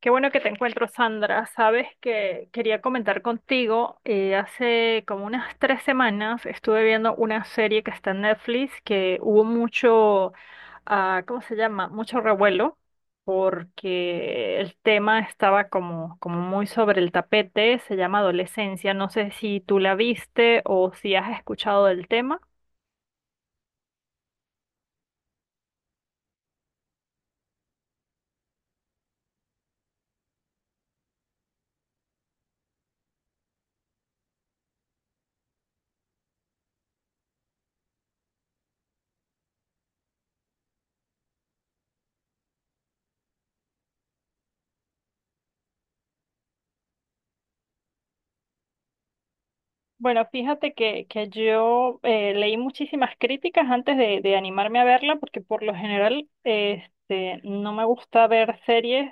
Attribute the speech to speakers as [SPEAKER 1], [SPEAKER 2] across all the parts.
[SPEAKER 1] Qué bueno que te encuentro, Sandra. Sabes que quería comentar contigo. Hace como unas 3 semanas estuve viendo una serie que está en Netflix que hubo ¿cómo se llama? Mucho revuelo porque el tema estaba como muy sobre el tapete. Se llama Adolescencia. No sé si tú la viste o si has escuchado del tema. Bueno, fíjate que yo leí muchísimas críticas de animarme a verla, porque por lo general este, no me gusta ver series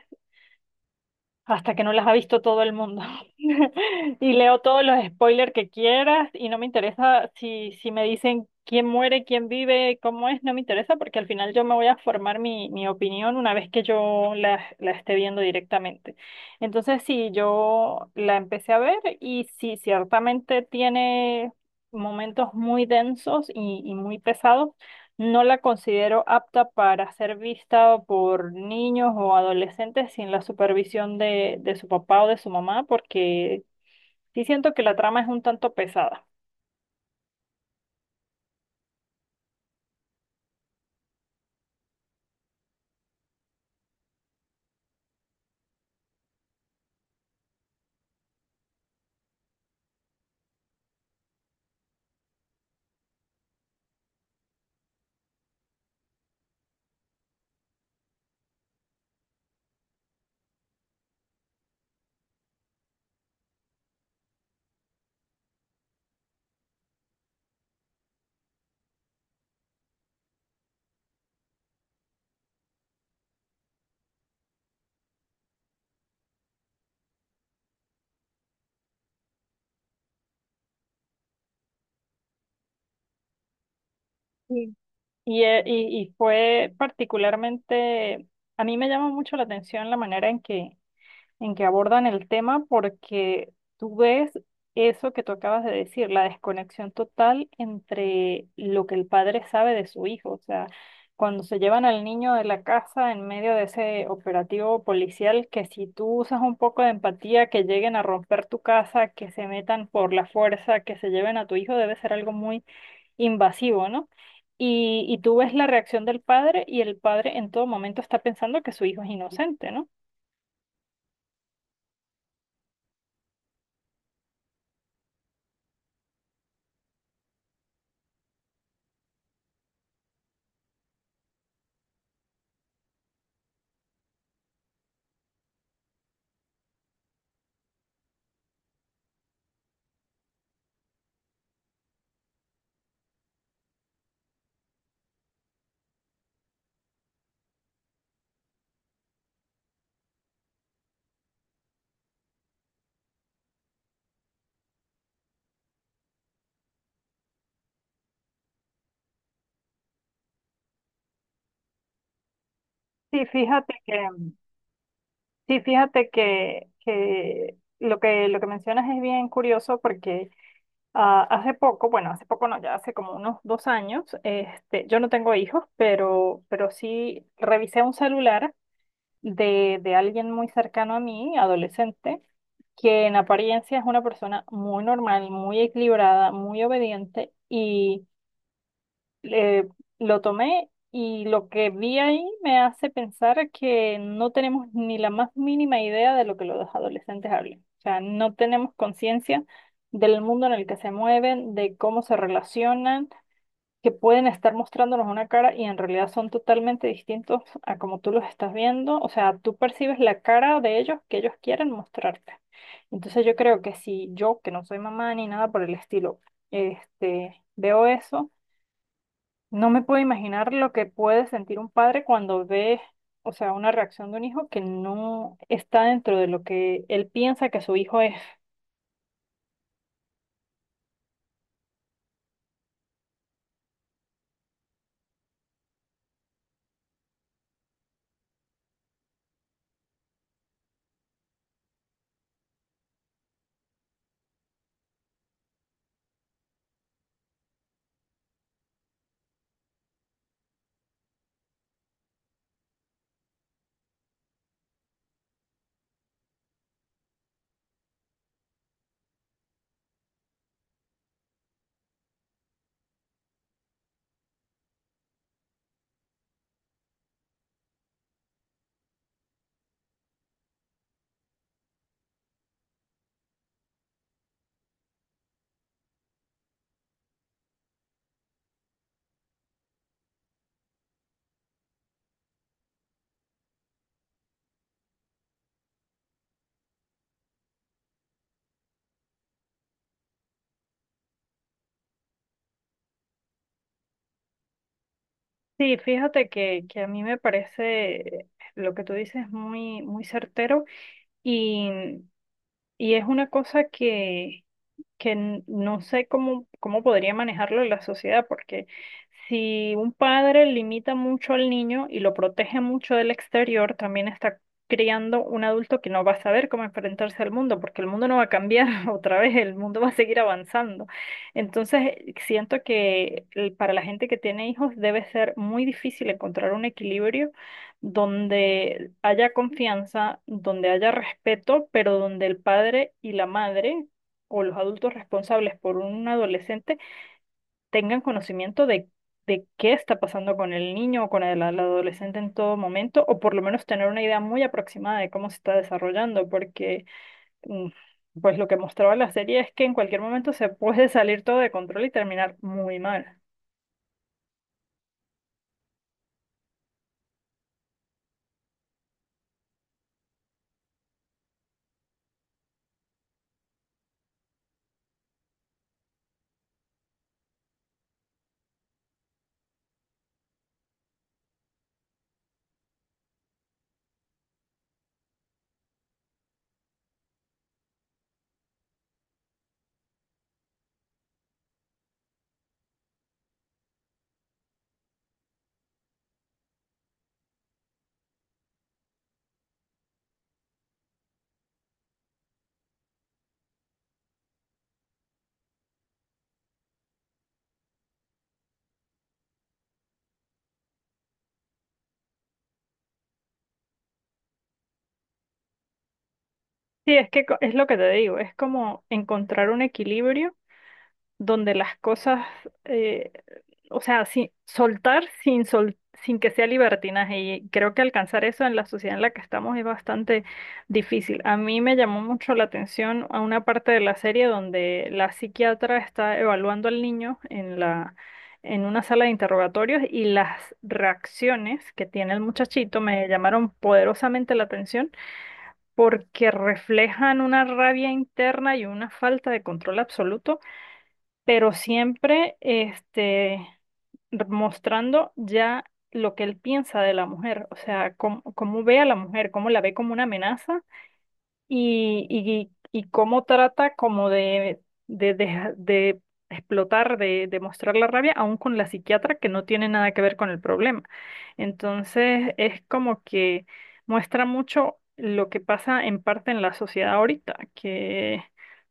[SPEAKER 1] hasta que no las ha visto todo el mundo. Y leo todos los spoilers que quieras y no me interesa si me dicen quién muere, quién vive, cómo es, no me interesa porque al final yo me voy a formar mi opinión una vez que yo la esté viendo directamente. Entonces, sí, yo la empecé a ver y sí, ciertamente tiene momentos muy densos y muy pesados, no la considero apta para ser vista por niños o adolescentes sin la supervisión de su papá o de su mamá, porque sí siento que la trama es un tanto pesada. Sí. Y y fue particularmente, a mí me llama mucho la atención la manera en que abordan el tema porque tú ves eso que tú acabas de decir, la desconexión total entre lo que el padre sabe de su hijo. O sea, cuando se llevan al niño de la casa en medio de ese operativo policial, que si tú usas un poco de empatía, que lleguen a romper tu casa, que se metan por la fuerza, que se lleven a tu hijo, debe ser algo muy invasivo, ¿no? Y tú ves la reacción del padre y el padre en todo momento está pensando que su hijo es inocente, ¿no? Sí, fíjate que, Sí, fíjate que lo que mencionas es bien curioso porque ah, hace poco, bueno, hace poco no, ya hace como unos 2 años, este, yo no tengo hijos, pero sí revisé un celular de alguien muy cercano a mí, adolescente, que en apariencia es una persona muy normal, muy equilibrada, muy obediente y eh, lo tomé y lo que vi ahí me hace pensar que no tenemos ni la más mínima idea de lo que los adolescentes hablan. O sea, no tenemos conciencia del mundo en el que se mueven, de cómo se relacionan, que pueden estar mostrándonos una cara y en realidad son totalmente distintos a como tú los estás viendo. O sea, tú percibes la cara de ellos que ellos quieren mostrarte. Entonces yo creo que si yo, que no soy mamá ni nada por el estilo, este, veo eso, no me puedo imaginar lo que puede sentir un padre cuando ve, o sea, una reacción de un hijo que no está dentro de lo que él piensa que su hijo es. Sí, fíjate que a mí me parece lo que tú dices muy certero y, y es una cosa que no sé cómo, cómo podría manejarlo la sociedad, porque si un padre limita mucho al niño y lo protege mucho del exterior, también está criando un adulto que no va a saber cómo enfrentarse al mundo, porque el mundo no va a cambiar otra vez, el mundo va a seguir avanzando. Entonces, siento que para la gente que tiene hijos debe ser muy difícil encontrar un equilibrio donde haya confianza, donde haya respeto, pero donde el padre y la madre o los adultos responsables por un adolescente tengan conocimiento de qué está pasando con el niño o con el adolescente en todo momento, o por lo menos tener una idea muy aproximada de cómo se está desarrollando, porque mm, pues lo que mostraba la serie es que en cualquier momento se puede salir todo de control y terminar muy mal. Sí, es que es lo que te digo, es como encontrar un equilibrio donde las cosas, eh, o sea, sin, soltar sin que sea libertinaje. Y creo que alcanzar eso en la sociedad en la que estamos es bastante difícil. A mí me llamó mucho la atención a una parte de la serie donde la psiquiatra está evaluando al niño en en una sala de interrogatorios y las reacciones que tiene el muchachito me llamaron poderosamente la atención porque reflejan una rabia interna y una falta de control absoluto, pero siempre este mostrando ya lo que él piensa de la mujer, o sea, cómo ve a la mujer, cómo la ve como una amenaza y cómo trata como de explotar, de mostrar la rabia, aún con la psiquiatra que no tiene nada que ver con el problema. Entonces, es como que muestra mucho lo que pasa en parte en la sociedad ahorita, que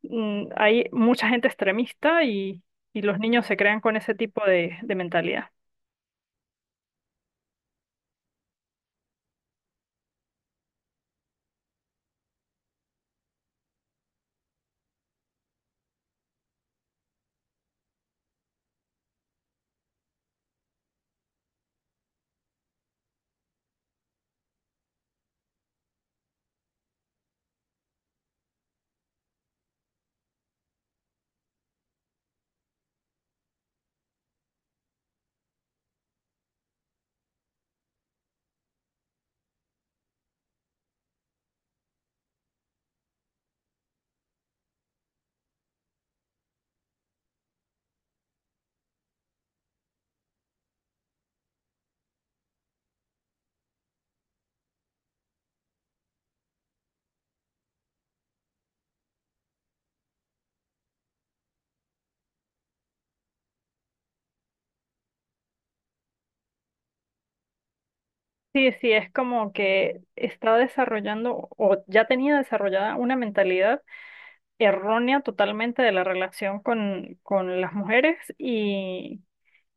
[SPEAKER 1] mm, hay mucha gente extremista y los niños se crean con ese tipo de mentalidad. Sí, sí, es como que está desarrollando o ya tenía desarrollada una mentalidad errónea totalmente de la relación con las mujeres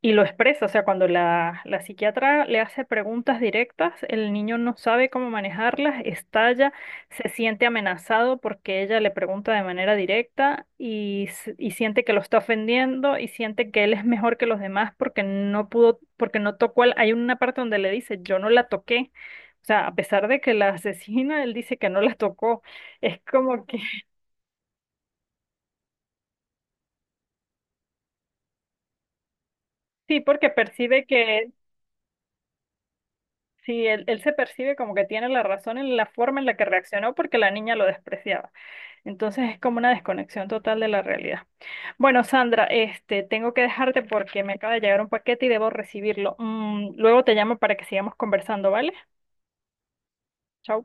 [SPEAKER 1] y lo expresa, o sea, cuando la psiquiatra le hace preguntas directas, el niño no sabe cómo manejarlas, estalla, se siente amenazado porque ella le pregunta de manera directa y, y siente que lo está ofendiendo y siente que él es mejor que los demás porque no pudo, porque no tocó al... Hay una parte donde le dice, yo no la toqué. O sea, a pesar de que la asesina, él dice que no la tocó. Es como que sí, porque percibe que sí, él se percibe como que tiene la razón en la forma en la que reaccionó porque la niña lo despreciaba. Entonces es como una desconexión total de la realidad. Bueno, Sandra, este, tengo que dejarte porque me acaba de llegar un paquete y debo recibirlo. Mm, luego te llamo para que sigamos conversando, ¿vale? Chao.